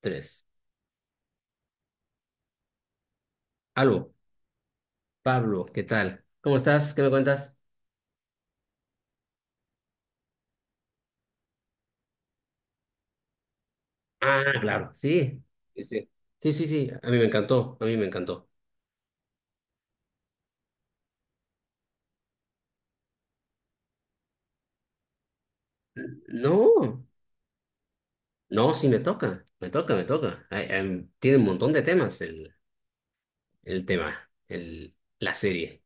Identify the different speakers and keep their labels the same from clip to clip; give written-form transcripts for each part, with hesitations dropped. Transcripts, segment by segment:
Speaker 1: Tres. Aló, Pablo, ¿qué tal? ¿Cómo estás? ¿Qué me cuentas? Ah, claro, sí. Sí, sí, sí, sí, sí, a mí me encantó, a mí me encantó. No, no, sí me toca, me toca, me toca. Ay, tiene un montón de temas el la serie.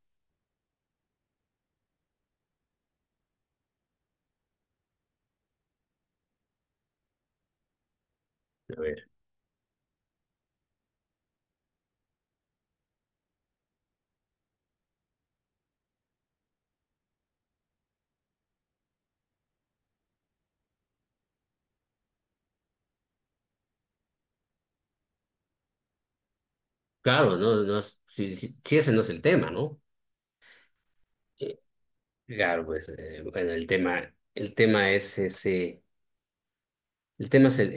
Speaker 1: A ver. Claro, no, no, si ese no es el tema, ¿no? Eh, Claro, pues, bueno, el tema es ese. El tema es el,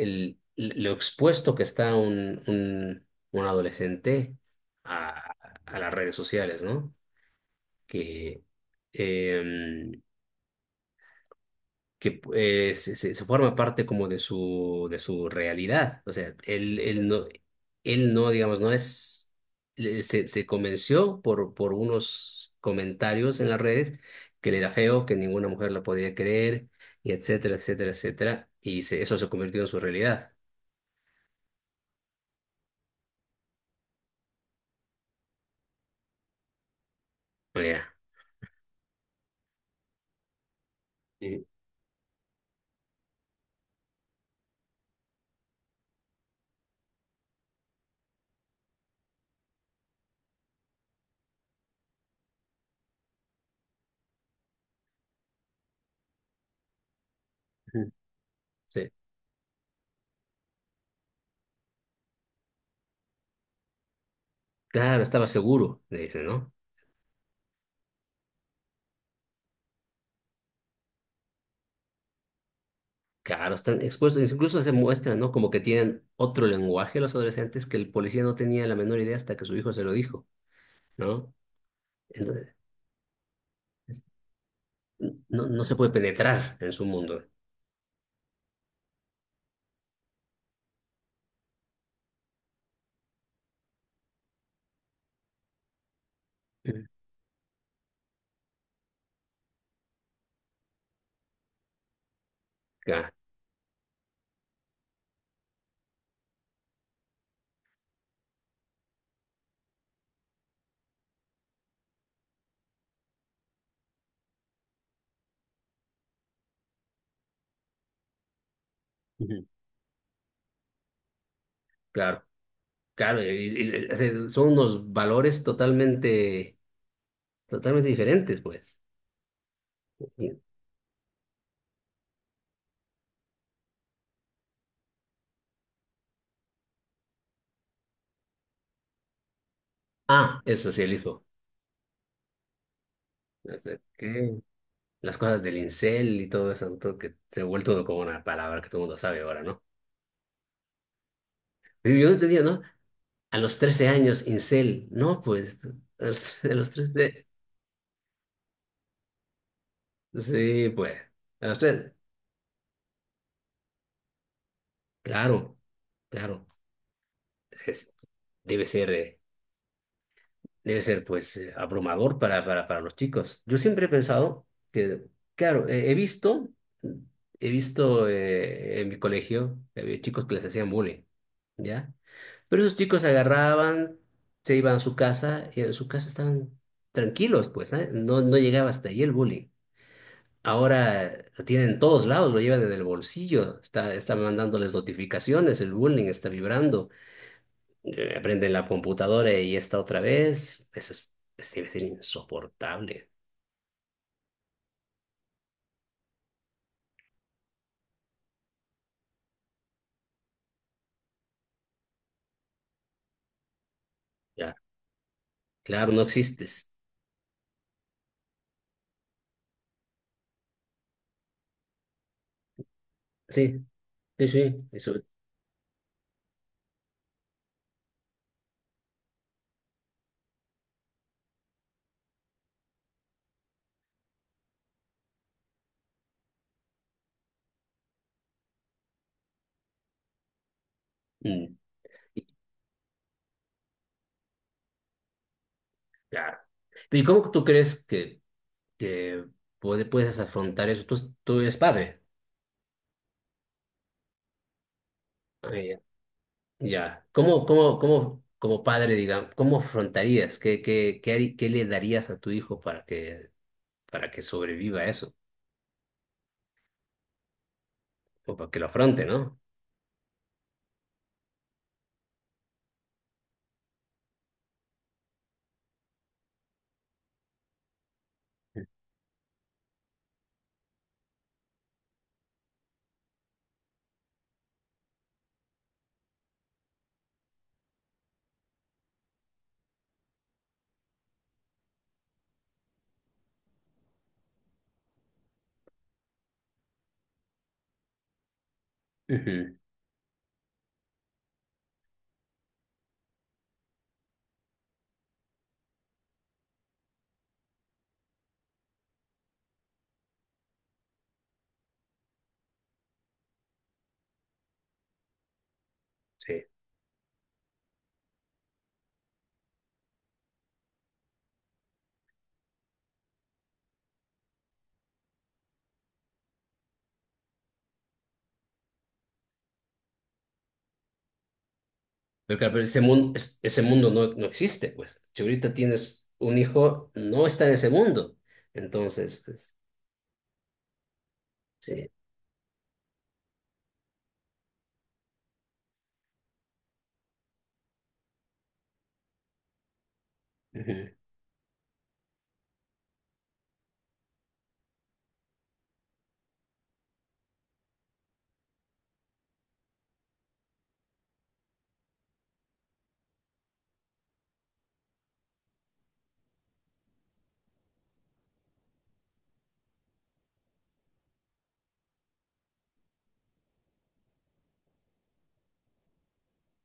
Speaker 1: el- lo expuesto que está un adolescente a, a las redes sociales, ¿no? Que, em, que se forma parte como de de su realidad. O sea, él no, digamos, no es, se convenció por unos comentarios en las redes que él era feo, que ninguna mujer lo podía querer, y etcétera, etcétera, etcétera. Eso se convirtió en su realidad. O sea, sí. Sí. Claro, estaba seguro, le dicen, ¿no? Claro, están expuestos, incluso se muestran, ¿no? Como que tienen otro lenguaje los adolescentes que el policía no tenía la menor idea hasta que su hijo se lo dijo, ¿no? Entonces, no, no se puede penetrar en su mundo. Claro. Ujú. Claro, o sea, son unos valores totalmente, totalmente diferentes, pues. Y- ah, eso sí, el hijo. No sé qué. Las cosas del incel y todo eso, creo que se ha vuelto como una palabra que todo el mundo sabe ahora, ¿no? Yo no entendía, ¿no? A los 13 años, incel. No, pues, a los, a los 13. Sí, pues, a los 13. Claro, claro. Es- debe ser, eh, debe ser, pues, abrumador para los chicos. Yo siempre he pensado que, claro, he visto en mi colegio, había chicos que les hacían bullying, ¿ya? Pero esos chicos agarraban, se iban a su casa y en su casa estaban tranquilos, pues, ¿eh? No, no llegaba hasta ahí el bullying. Ahora lo tienen en todos lados, lo lleva desde el bolsillo, está mandándoles notificaciones, el bullying está vibrando, aprende en la computadora y está otra vez. Debe ser insoportable. Ya, claro, no existes. Sí, sí, sí, eso. Mm, y- claro. ¿Y cómo tú crees que puedes afrontar eso? Tú eres padre. Ah, ya. Ya. ¿Cómo, cómo, cómo, como padre, digamos, cómo afrontarías? ¿Qué, qué, qué, qué le darías a tu hijo para que sobreviva a eso, o para que lo afronte, ¿no? Ujú. Sí. Pero claro, pero ese mundo, ese mundo no, no existe, pues. Si ahorita tienes un hijo, no está en ese mundo. Entonces, pues, sí. Ujú.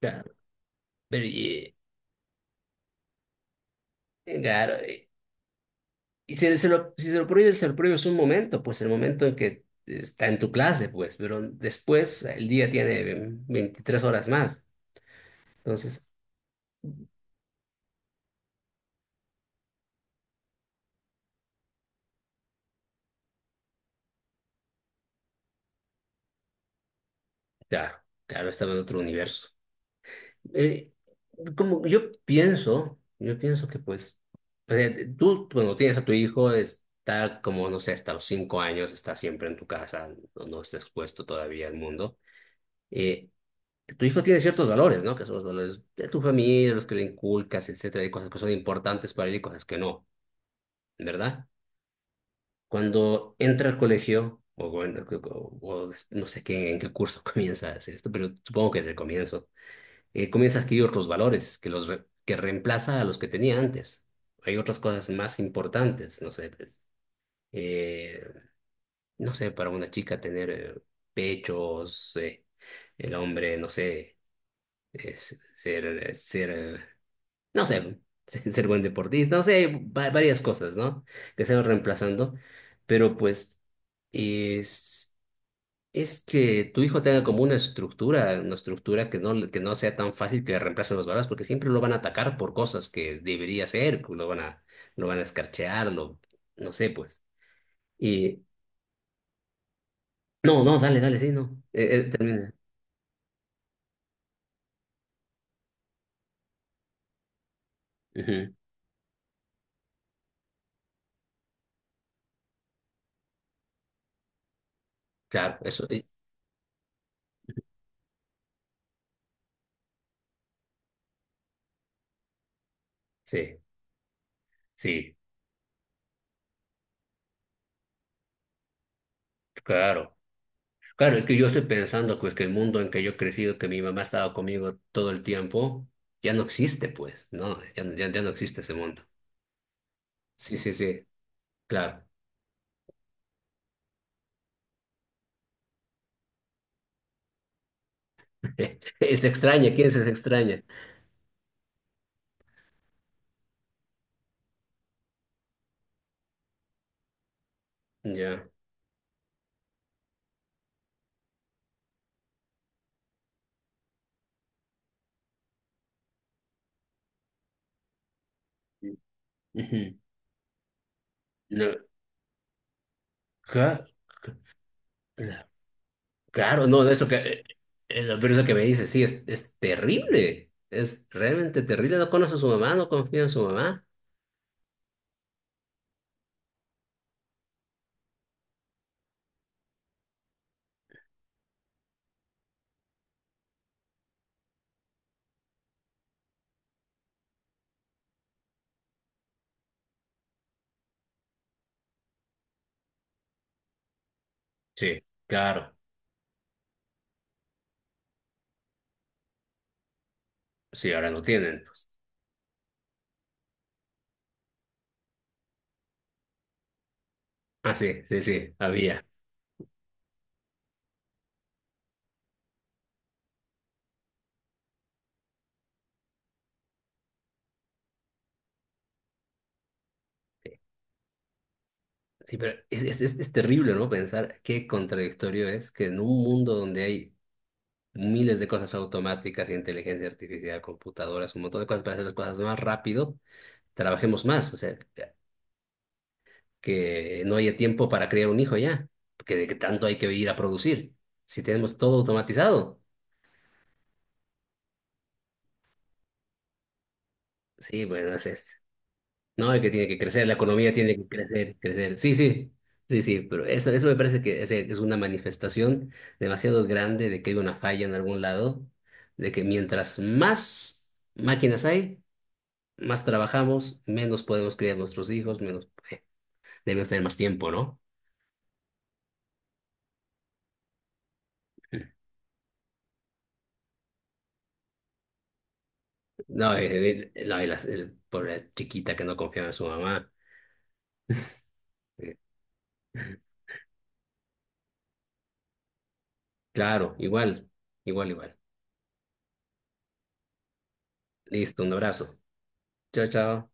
Speaker 1: Claro. Pero, y, claro, y si se lo, si se lo prohíbes, se lo prohíbes un momento, pues el momento en que está en tu clase, pues, pero después el día tiene 23 horas más. Entonces, claro, claro, estaba en otro universo. eh, Como yo pienso que pues, o sea, tú cuando tienes a tu hijo está como, no sé, hasta los 5 años, está siempre en tu casa, no, no está expuesto todavía al mundo. Eh, Tu hijo tiene ciertos valores, ¿no? Que son los valores de tu familia, los que le inculcas, etcétera, hay cosas que son importantes para él y cosas que no, ¿verdad? Cuando entra al colegio, o bueno, no sé qué, en qué curso comienza a hacer esto, pero supongo que desde el comienzo comienza a adquirir otros valores que que reemplaza a los que tenía antes. Hay otras cosas más importantes, no sé, pues, eh, no sé, para una chica tener pechos, el hombre, no sé, ser, ser, no sé, ser buen deportista, no sé, varias cosas, ¿no? Que se van reemplazando, pero pues es es que tu hijo tenga como una estructura que no sea tan fácil que le reemplacen los valores, porque siempre lo van a atacar por cosas que debería hacer, que lo van a escarchear, lo, no sé, pues. Y no, no, dale, dale, sí, no. Termina. Ujú. Claro, eso, sí, sí, claro. Claro, es que yo estoy pensando, pues, que el mundo en que yo he crecido, que mi mamá estaba conmigo todo el tiempo, ya no existe, pues, no, ya no existe ese mundo. Sí, sí, sí, claro. Es extraña, ¿quién es esa extraña? Ya. Sí. Ujú. No, ca- claro, no, eso que, pero eso que me dice, sí, es terrible, es realmente terrible, no conoce a su mamá, no confía en su mamá. Sí, claro, sí, ahora no tienen, pues. Ah, sí, sí, sí, había. Sí, pero es terrible, ¿no? Pensar qué contradictorio es que en un mundo donde hay miles de cosas automáticas, inteligencia artificial, computadoras, un montón de cosas para hacer las cosas más rápido, trabajemos más, o sea, que no haya tiempo para criar un hijo ya, porque de que tanto hay que ir a producir. Si tenemos todo automatizado, sí, bueno, no, es que tiene que crecer, la economía tiene que crecer, crecer. Sí, sí, sí, sí, pero eso me parece que es una manifestación demasiado grande de que hay una falla en algún lado, de que mientras más máquinas hay, más trabajamos, menos podemos criar nuestros hijos, menos, debemos tener más tiempo, ¿no? No, no, y el pobre chiquita que no confiaba en su mamá. Eh, Claro, igual, igual, igual. Listo, un abrazo. Chao, chao.